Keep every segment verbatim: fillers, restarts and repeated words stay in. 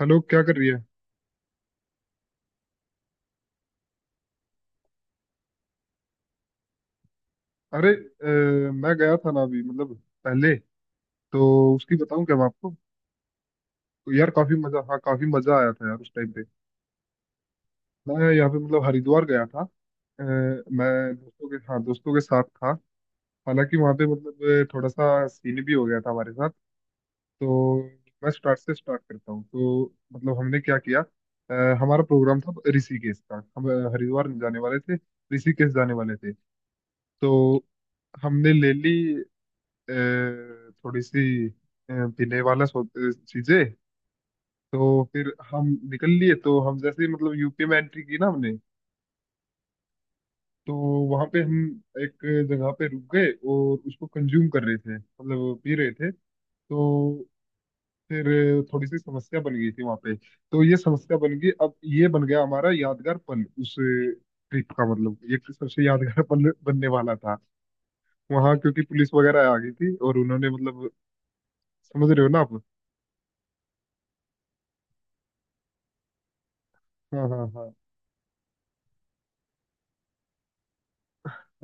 Hello, क्या कर रही है? अरे, अ, मैं गया था ना अभी मतलब पहले, तो उसकी बताऊं क्या मैं आपको? तो यार, काफी मजा, हाँ, काफी मजा आया था यार उस टाइम पे। मैं यहाँ पे मतलब हरिद्वार गया था। अ, मैं दोस्तों के, हाँ, दोस्तों के साथ था। हालांकि वहाँ पे मतलब अ, थोड़ा सा सीन भी हो गया था हमारे साथ। तो मैं स्टार्ट से स्टार्ट करता हूँ, तो मतलब हमने क्या किया। अ, हमारा प्रोग्राम था ऋषिकेश का। हम अ, हरिद्वार नहीं जाने वाले थे। ऋषिकेश जाने वाले थे। तो हमने ले ली, अ, थोड़ी सी अ, पीने वाला सो- अ, चीजें। तो फिर हम निकल लिए। तो हम जैसे ही मतलब यूपी में एंट्री की ना हमने, तो वहां पे हम एक जगह पे रुक गए और उसको कंज्यूम कर रहे थे, मतलब पी रहे थे। तो फिर थोड़ी सी समस्या बन गई थी वहां पे। तो ये समस्या बन गई, अब ये बन गया हमारा यादगार पल उस ट्रिप का, मतलब ये सबसे यादगार पल बनने वाला था। वहां, क्योंकि पुलिस वगैरह आ गई थी और उन्होंने मतलब, समझ रहे हो ना आप? हाँ, हाँ, हाँ,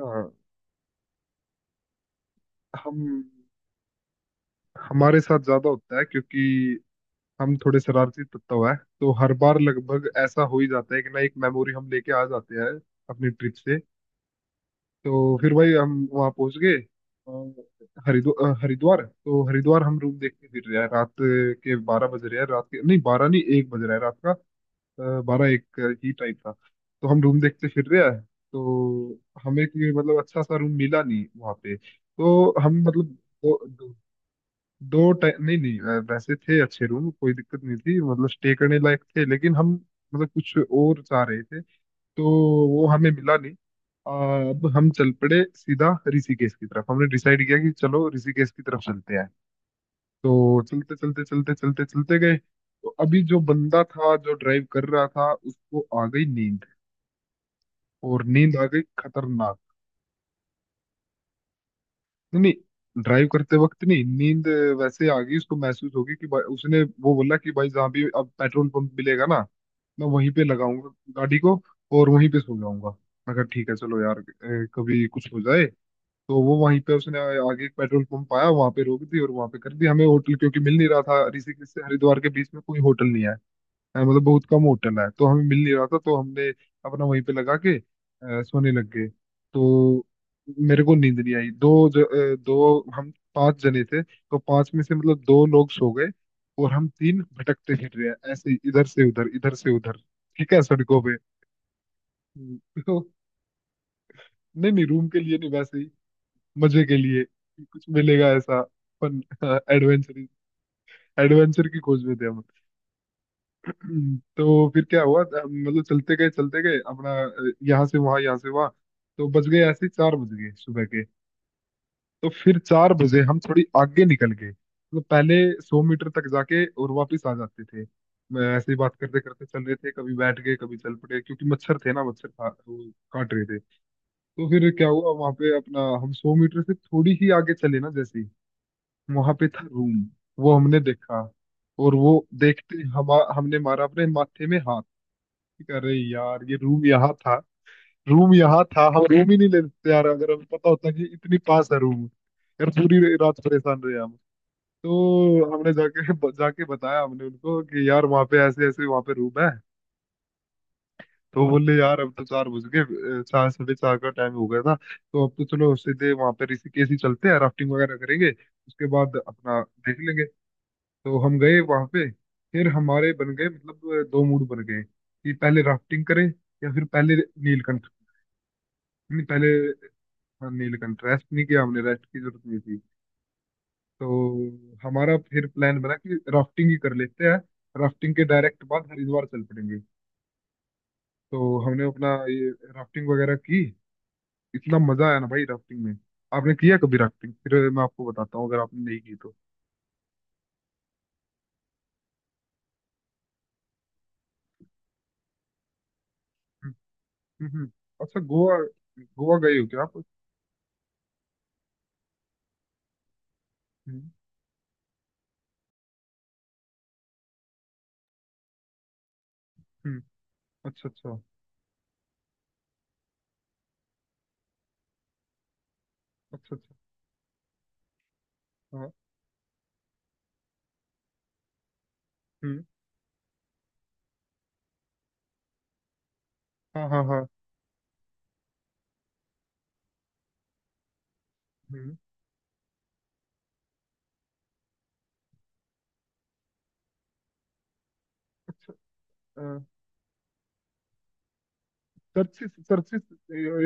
हाँ। हम हमारे साथ ज्यादा होता है, क्योंकि हम थोड़े शरारती तत्व हैं, तो हर बार लगभग ऐसा हो ही जाता है कि ना, एक मेमोरी हम लेके आ जाते हैं अपनी ट्रिप से। तो फिर भाई हम वहाँ पहुंच गए, अ, हरिद्वार, अ, हरिद्वार तो हरिद्वार, हम रूम देखते फिर रहे हैं। रात के बारह बज रहे हैं, रात के नहीं, बारह नहीं, एक बज रहा है रात का। बारह एक ही टाइम था। तो हम रूम देखते फिर रहे हैं। तो हमें कोई मतलब अच्छा सा रूम मिला नहीं वहाँ पे, तो हम मतलब, दो, दो, दो टाइम नहीं, नहीं, अ, वैसे थे अच्छे रूम, कोई दिक्कत नहीं थी मतलब, स्टे करने लायक थे, लेकिन हम मतलब कुछ और चाह रहे थे। तो वो हमें मिला नहीं। अ, अब हम चल पड़े सीधा ऋषिकेश की तरफ। हमने डिसाइड किया कि चलो ऋषिकेश की तरफ चलते हैं। तो चलते चलते चलते चलते चलते गए, तो अभी जो बंदा था, जो ड्राइव कर रहा था, उसको आ गई नींद। और नींद आ गई खतरनाक। नहीं, नहीं, ड्राइव करते वक्त नहीं, नींद वैसे आ गई उसको, महसूस होगी कि भाई, उसने वो बोला कि भाई, जहाँ भी अब पेट्रोल पंप मिलेगा ना, मैं वहीं पे लगाऊंगा गाड़ी को, और वहीं पे सो जाऊंगा। मैं कहा ठीक है, चलो यार, अ, कभी कुछ हो जाए। तो वो वहीं पे, उसने आगे एक पेट्रोल पंप आया वहां पे रोक दी, और वहां पे कर दी। हमें होटल क्योंकि मिल नहीं रहा था, ऋषिकेश से हरिद्वार के बीच में कोई होटल नहीं है। हाँ, मतलब बहुत कम होटल है, तो हमें मिल नहीं रहा था, तो हमने अपना वहीं पे लगा के अ, सोने लग गए। तो मेरे को नींद नहीं आई। दो ज, अ, दो, हम पांच जने थे, तो पांच में से मतलब दो लोग सो गए। और हम तीन भटकते फिर रहे हैं ऐसे ही, इधर से उधर, इधर से उधर। ठीक है, सड़कों पे। हम्म, तो नहीं, नहीं, रूम के लिए नहीं, वैसे ही मजे के लिए कि कुछ मिलेगा ऐसा। फन। एडवेंचर। एडवेंचर की खोज में थे हम। हम्म, तो फिर क्या हुआ, अ, मतलब चलते गए चलते गए अपना, अ, यहाँ से वहां, यहाँ से वहां। तो बज गए ऐसे ही, चार बज गए सुबह के। तो फिर चार बजे हम थोड़ी आगे निकल गए, मतलब पहले सौ मीटर तक जाके और वापस आ जाते थे। मैं ऐसे ही बात करते करते चल रहे थे, कभी बैठ गए, कभी चल पड़े, क्योंकि मच्छर थे ना, मच्छर खा वो काट रहे थे। तो फिर क्या हुआ वहां पे अपना, हम सौ मीटर से थोड़ी ही आगे चले ना, जैसे ही वहां पे था रूम, वो हमने देखा। और वो देखते, हम हमने मारा अपने माथे में हाथ। अरे यार, ये रूम यहाँ था। रूम यहाँ था, हम रूम ही नहीं ले लेते यार, अगर हमें पता होता कि इतनी पास है रूम। यार, पूरी रात परेशान रहे हम। तो हमने जाके जाके बताया हमने उनको कि यार, वहाँ पे ऐसे ऐसे, वहाँ पे रूम है। तो बोले यार, अब तो चार बज गए, अ, चार साढ़े चार का टाइम हो गया था, तो अब तो चलो सीधे वहाँ पे ऋषिकेश ही चलते हैं, राफ्टिंग वगैरह करेंगे, उसके बाद अपना देख लेंगे। तो हम गए वहाँ पे। फिर हमारे बन गए मतलब दो मूड बन गए, कि पहले राफ्टिंग करें, या फिर पहले नीलकंठ। नहीं पहले, हाँ, नीलकंठ। रेस्ट नहीं किया हमने, रेस्ट की जरूरत नहीं थी। तो हमारा फिर प्लान बना कि राफ्टिंग ही कर लेते हैं। राफ्टिंग के डायरेक्ट बाद हरिद्वार चल पड़ेंगे। तो हमने अपना ये राफ्टिंग वगैरह की। इतना मजा आया ना भाई राफ्टिंग में। आपने किया कभी राफ्टिंग? फिर मैं आपको बताता हूँ, अगर आपने नहीं की तो। हम्म, हम्म, हम्म। अच्छा, गोवा। गोवा गए हो क्या आप? हम्म, हम्म, अच्छा, अच्छा, अच्छा, अच्छा, हाँ, हम्म, हाँ, हाँ, हाँ, हम्म, अच्छा, हाँ। चर्चिस, चर्चिस,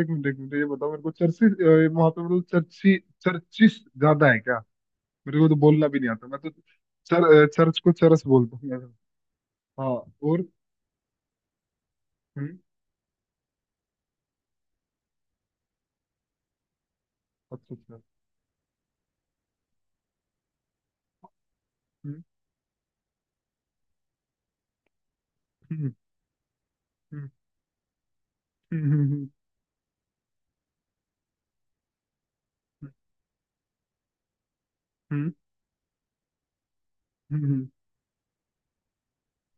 एक मिनट, एक मिनट, ये बताओ मेरे को, चर्चिस वहां पे मतलब, चर्ची, चर्चिस ज्यादा है क्या? मेरे को तो बोलना भी नहीं आता, मैं तो चर, चर्च को चरस बोलता हूँ मैं तो। हाँ, और? हम्म, अच्छा, अच्छा, हम्म, हम्म, हम्म, हम्म, हम्म, हम्म,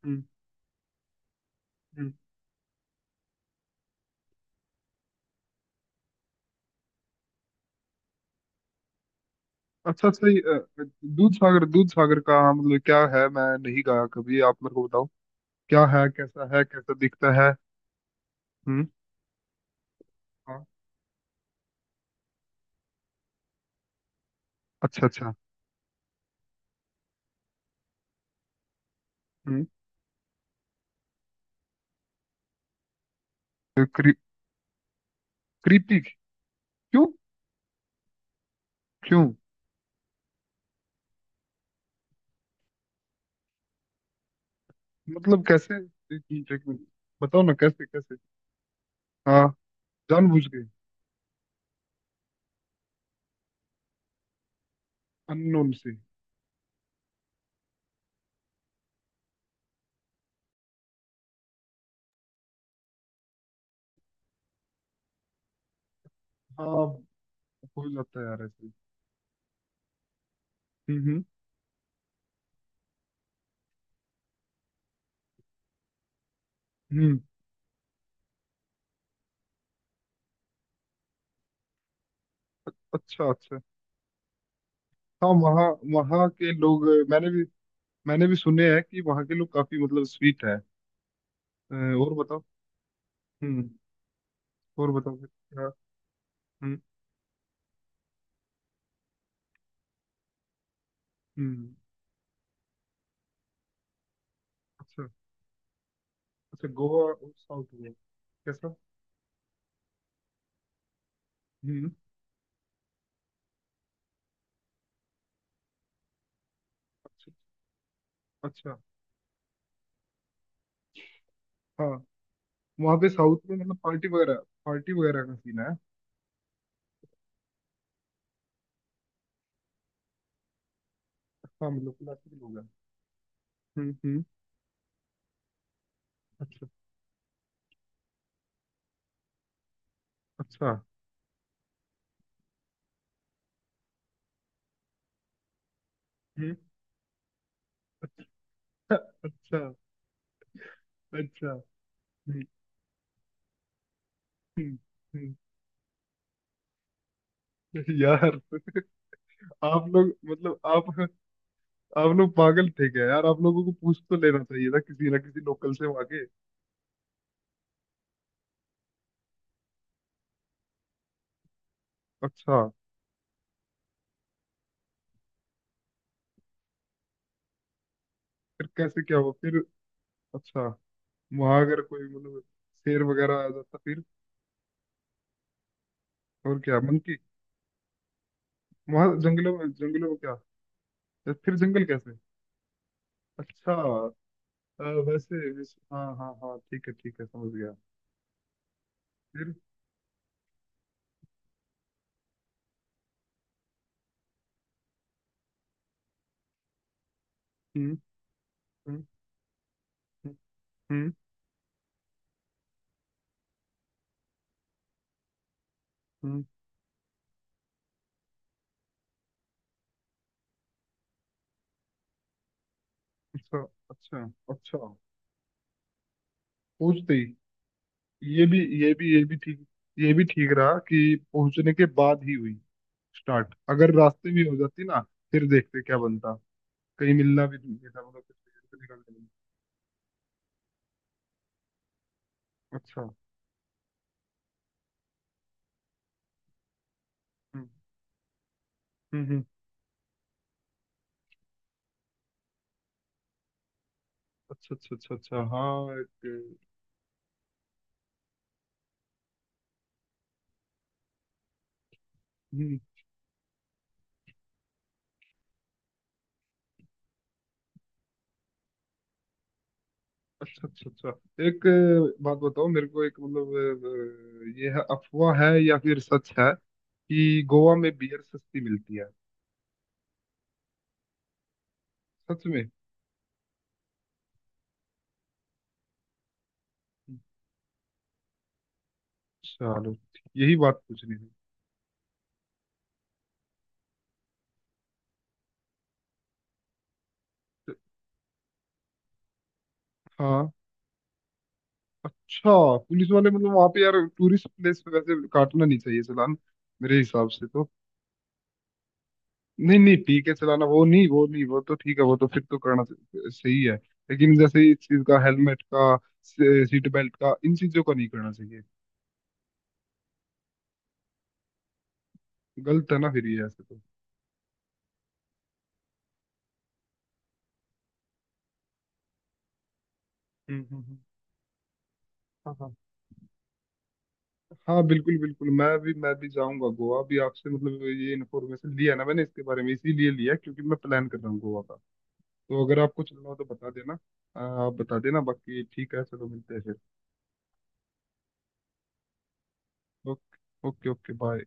हम्म, हम्म, अच्छा, अच्छा, ये अ, दूध सागर, दूध सागर का मतलब क्या है? मैं नहीं गाया कभी, आप मेरे को बताओ। क्या है, कैसा है, कैसा दिखता है? हम्म, हाँ, अच्छा, अच्छा, हम्म। क्री, क्रीपी? क्यों? क्यों? मतलब कैसे? एक मिनट, एक मिनट, बताओ ना, कैसे कैसे? हाँ, जानबूझ के? अननोन से? हाँ, हो जाता है यार ऐसे। हम्म, हम्म, हम्म, अ- अच्छा, अच्छा। हाँ, वहाँ वहाँ के लोग, मैंने भी मैंने भी सुने हैं कि वहाँ के लोग काफी मतलब स्वीट है। और बताओ। हम्म। और बताओ, फिर क्या? हम्म, हम्म, अच्छा, अच्छा, गोवा और साउथ में कैसा? हम्म, अच्छा, अच्छा, हाँ, वहाँ पे साउथ में मतलब पार्टी वगैरह, पार्टी वगैरह का सीन है? हाँ, मतलब क्लासिक लोग हैं। हम्म, हम्म, अच्छा, अच्छा, हम्म, अच्छा, अच्छा, अच्छा, हम्म, हम्म, हम्म। यार, आप लोग मतलब, आप आप लोग पागल थे क्या यार? आप लोगों को पूछ तो लेना चाहिए था, किसी ना किसी लोकल से वहां के। अच्छा, फिर कैसे, क्या हुआ फिर? अच्छा, वहां अगर कोई मतलब, शेर वगैरह आ जाता फिर? और क्या, मंकी? वहां जंगलों में, जंगलों में क्या? तो फिर जंगल कैसे? अच्छा, अ, वैसे वैसे- हाँ, हाँ, हाँ, ठीक है, ठीक है, समझ गया। फिर? हम्म, हम्म, हम्म, हम्म, अच्छा, अच्छा, अच्छा, पूछते ही? ये भी ये भी ये भी ठीक, ये भी ठीक रहा कि पहुंचने के बाद ही हुई। स्टार्ट अगर रास्ते में हो जाती ना, फिर देखते क्या बनता। कहीं मिलना भी नहीं था, मतलब कुछ देर से निकलने में। अच्छा, हम्म, हम्म, हम्म, अच्छा, अच्छा, अच्छा, अच्छा, हाँ, एक, हम्म, अच्छा, अच्छा, अच्छा, एक अ, बात बताओ मेरे को, एक मतलब, अ, ये है, अफवाह है या फिर सच है कि गोवा में बियर सस्ती मिलती है? सच में? चलो, यही बात पूछनी थी। तो- हाँ, अच्छा, पुलिस वाले मतलब, वहां पे यार टूरिस्ट प्लेस पे वैसे काटना नहीं चाहिए चालान, मेरे हिसाब से तो। नहीं, नहीं, ठीक है चलाना, वो नहीं, वो नहीं, वो तो ठीक है, वो तो फिर तो करना स- सही है। लेकिन जैसे इस चीज का, हेलमेट का, सीट बेल्ट का, इन चीजों का नहीं करना चाहिए। गलत है ना फिर ये, ऐसे तो। हम्म, हम्म, हम्म, हाँ, हाँ, हाँ, बिल्कुल, बिल्कुल, मैं भी मैं भी जाऊंगा गोवा भी। आपसे मतलब ये इन्फॉर्मेशन लिया ना मैंने इसके बारे में, इसीलिए लिया क्योंकि मैं प्लान कर रहा हूँ गोवा का। तो अगर आपको चलना हो तो बता देना। आ, आप बता देना, बाकी ठीक है, चलो मिलते हैं फिर। Okay, okay, okay, bye.